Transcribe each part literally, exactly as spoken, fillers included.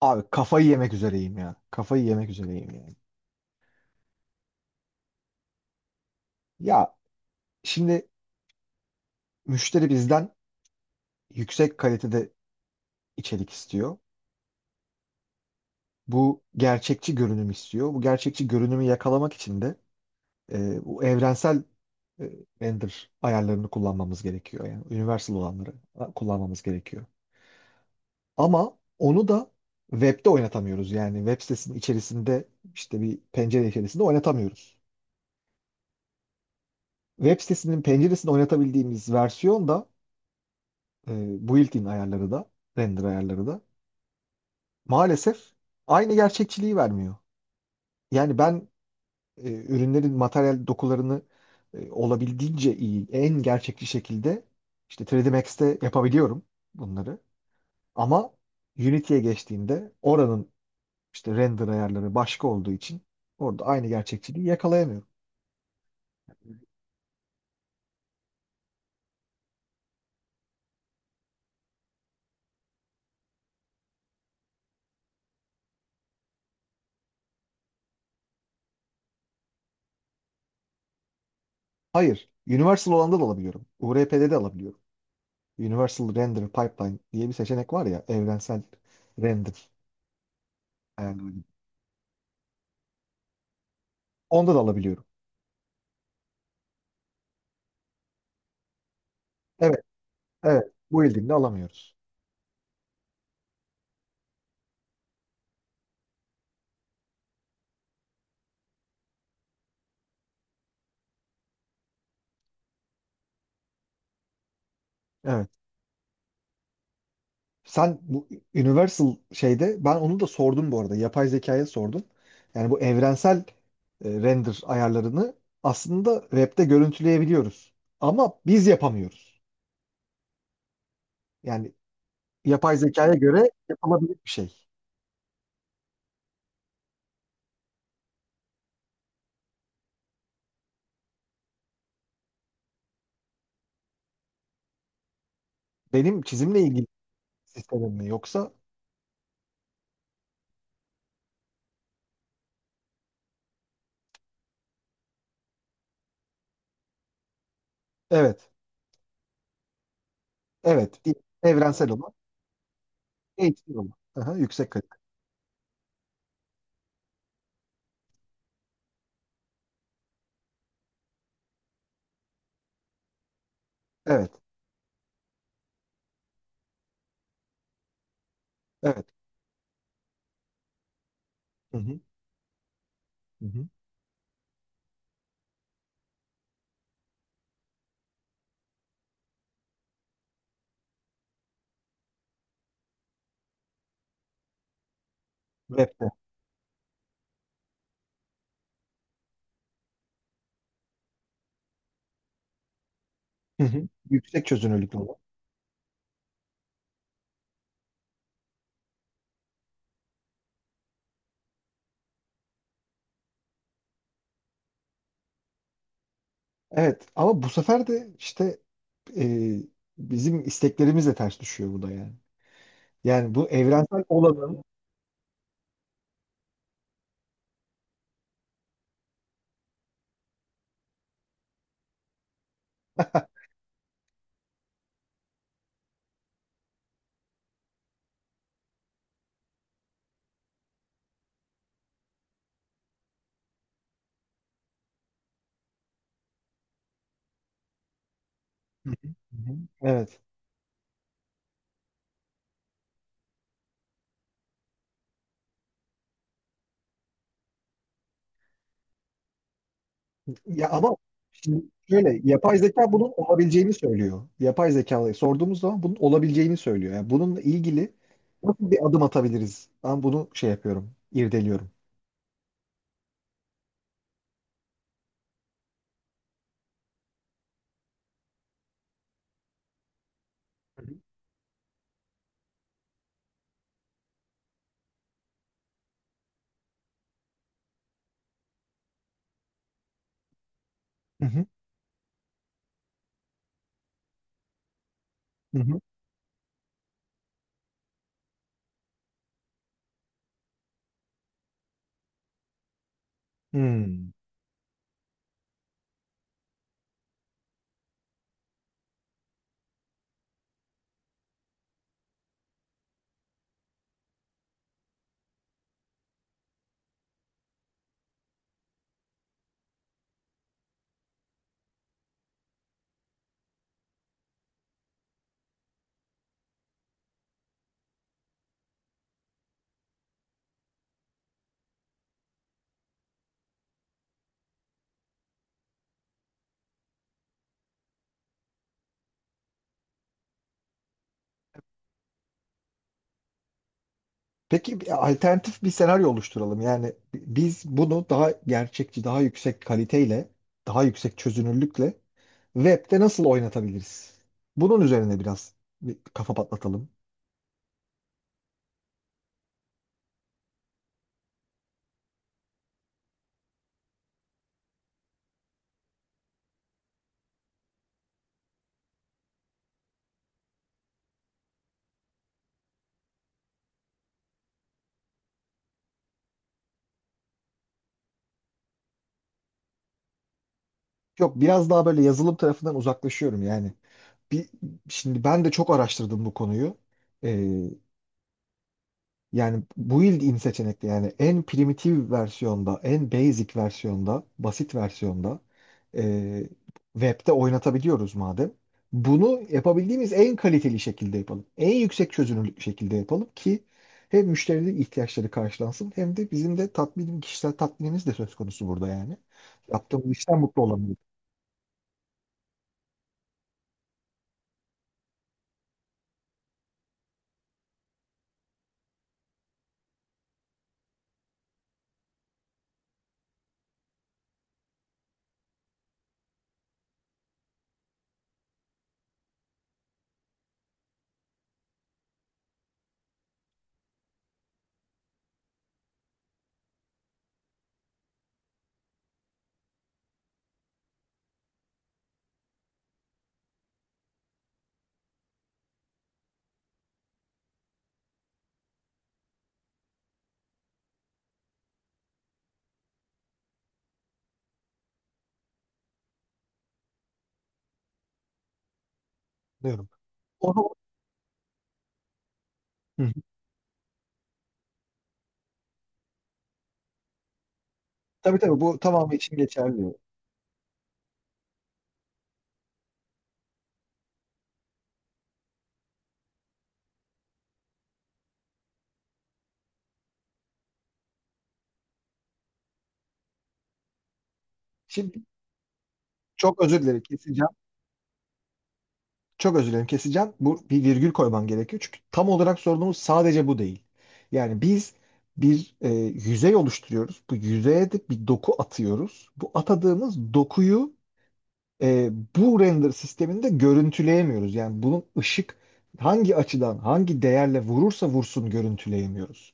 Abi kafayı yemek üzereyim ya. Kafayı yemek üzereyim yani. Ya şimdi müşteri bizden yüksek kalitede içerik istiyor. Bu gerçekçi görünüm istiyor. Bu gerçekçi görünümü yakalamak için de e, bu evrensel e, render ayarlarını kullanmamız gerekiyor. Yani universal olanları e, kullanmamız gerekiyor. Ama onu da webde oynatamıyoruz. Yani web sitesinin içerisinde işte bir pencere içerisinde oynatamıyoruz. Web sitesinin penceresinde oynatabildiğimiz versiyon da e, built-in ayarları da, render ayarları da maalesef aynı gerçekçiliği vermiyor. Yani ben e, ürünlerin materyal dokularını e, olabildiğince iyi, en gerçekçi şekilde işte üç D Max'te yapabiliyorum bunları. Ama Unity'ye geçtiğinde oranın işte render ayarları başka olduğu için orada aynı gerçekçiliği yakalayamıyorum. Hayır, Universal olanda da alabiliyorum. U R P'de de alabiliyorum. Universal Render Pipeline diye bir seçenek var ya, evrensel render ayarlama. Onda da alabiliyorum. Evet, evet. Bu Wielding'de alamıyoruz. Evet. Sen bu Universal şeyde ben onu da sordum bu arada. Yapay zekaya sordum. Yani bu evrensel e, render ayarlarını aslında web'de görüntüleyebiliyoruz. Ama biz yapamıyoruz. Yani yapay zekaya göre yapılabilir bir şey. Benim çizimle ilgili sistemim mi yoksa? Evet. Evet. Değil. Evrensel olan, H D olan. Aha, yüksek kalite. Evet. Evet. Hı hı. Hı hı. Web'de. Hı hı. Yüksek çözünürlüklü olan. Evet ama bu sefer de işte e, bizim isteklerimizle ters düşüyor bu da yani. Yani bu evrensel olanın. Hı hı, hı hı. Evet. Ya ama şimdi şöyle yapay zeka bunun olabileceğini söylüyor. Yapay zekaya sorduğumuz zaman bunun olabileceğini söylüyor. Yani bununla ilgili nasıl bir adım atabiliriz? Ben bunu şey yapıyorum, irdeliyorum. Hı hı. Hı hı. Hı. Hı. Hmm. Peki bir alternatif bir senaryo oluşturalım. Yani biz bunu daha gerçekçi, daha yüksek kaliteyle, daha yüksek çözünürlükle web'de nasıl oynatabiliriz? Bunun üzerine biraz bir kafa patlatalım. Yok biraz daha böyle yazılım tarafından uzaklaşıyorum yani. Bir, şimdi ben de çok araştırdım bu konuyu. Ee, Yani build in seçenekli yani en primitif versiyonda, en basic versiyonda, basit versiyonda e, web'de oynatabiliyoruz madem. Bunu yapabildiğimiz en kaliteli şekilde yapalım. En yüksek çözünürlük şekilde yapalım ki hem müşterilerin ihtiyaçları karşılansın hem de bizim de tatmin, kişisel tatminimiz de söz konusu burada yani. Yaptığımız işten mutlu olamıyorum. Diyorum. Onu. Hı. Tabii tabii bu tamamı için geçerli. Şimdi çok özür dilerim. Kesin. Çok özür dilerim, keseceğim. Bu bir virgül koymam gerekiyor. Çünkü tam olarak sorunumuz sadece bu değil. Yani biz bir e, yüzey oluşturuyoruz. Bu yüzeye de bir doku atıyoruz. Bu atadığımız dokuyu e, bu render sisteminde görüntüleyemiyoruz. Yani bunun ışık hangi açıdan, hangi değerle vurursa vursun görüntüleyemiyoruz.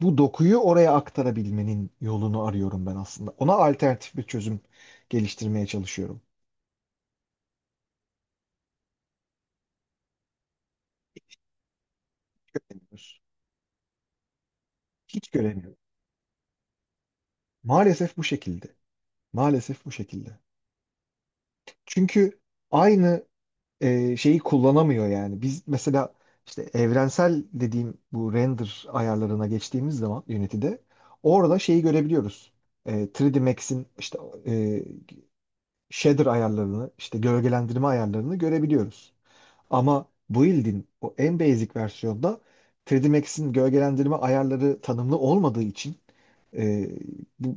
Bu dokuyu oraya aktarabilmenin yolunu arıyorum ben aslında. Ona alternatif bir çözüm geliştirmeye çalışıyorum. Göremiyoruz. Hiç göremiyorum. Maalesef bu şekilde. Maalesef bu şekilde. Çünkü aynı e, şeyi kullanamıyor yani. Biz mesela işte evrensel dediğim bu render ayarlarına geçtiğimiz zaman Unity'de orada şeyi görebiliyoruz. E, üç D Max'in işte e, shader ayarlarını, işte gölgelendirme ayarlarını görebiliyoruz. Ama Build'in o en basic versiyonda üç D Max'in gölgelendirme ayarları tanımlı olmadığı için e, bu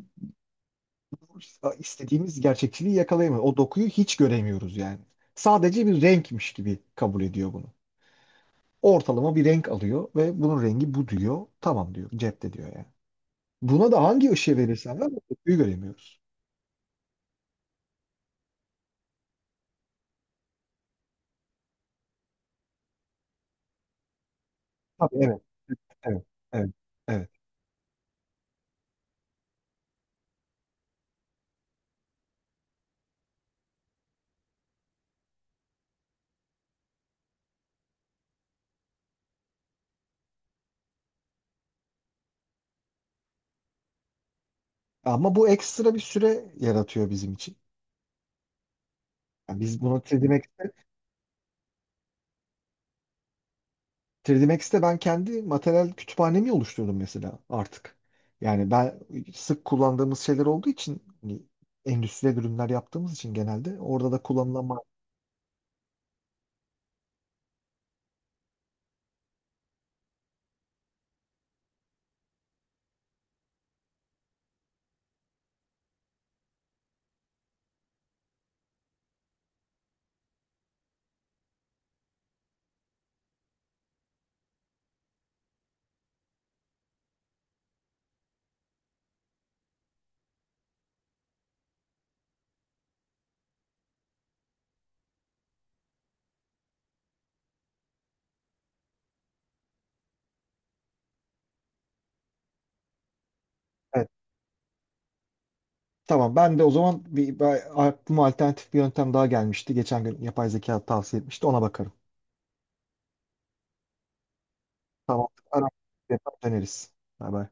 istediğimiz gerçekçiliği yakalayamıyoruz. O dokuyu hiç göremiyoruz yani. Sadece bir renkmiş gibi kabul ediyor bunu. Ortalama bir renk alıyor ve bunun rengi bu diyor. Tamam diyor. Cepte diyor yani. Buna da hangi ışığı verirsen ver o dokuyu göremiyoruz. Tabii evet, evet, evet, evet. Ama bu ekstra bir süre yaratıyor bizim için. Yani biz buna demek. üç D Max'te ben kendi materyal kütüphanemi oluşturdum mesela artık. Yani ben sık kullandığımız şeyler olduğu için hani endüstriyel ürünler yaptığımız için genelde orada da kullanılan ma- Evet. Tamam ben de o zaman bir, bir aklıma alternatif bir yöntem daha gelmişti. Geçen gün yapay zeka tavsiye etmişti ona bakarım. Tamam. Ara döneriz. Bay bay.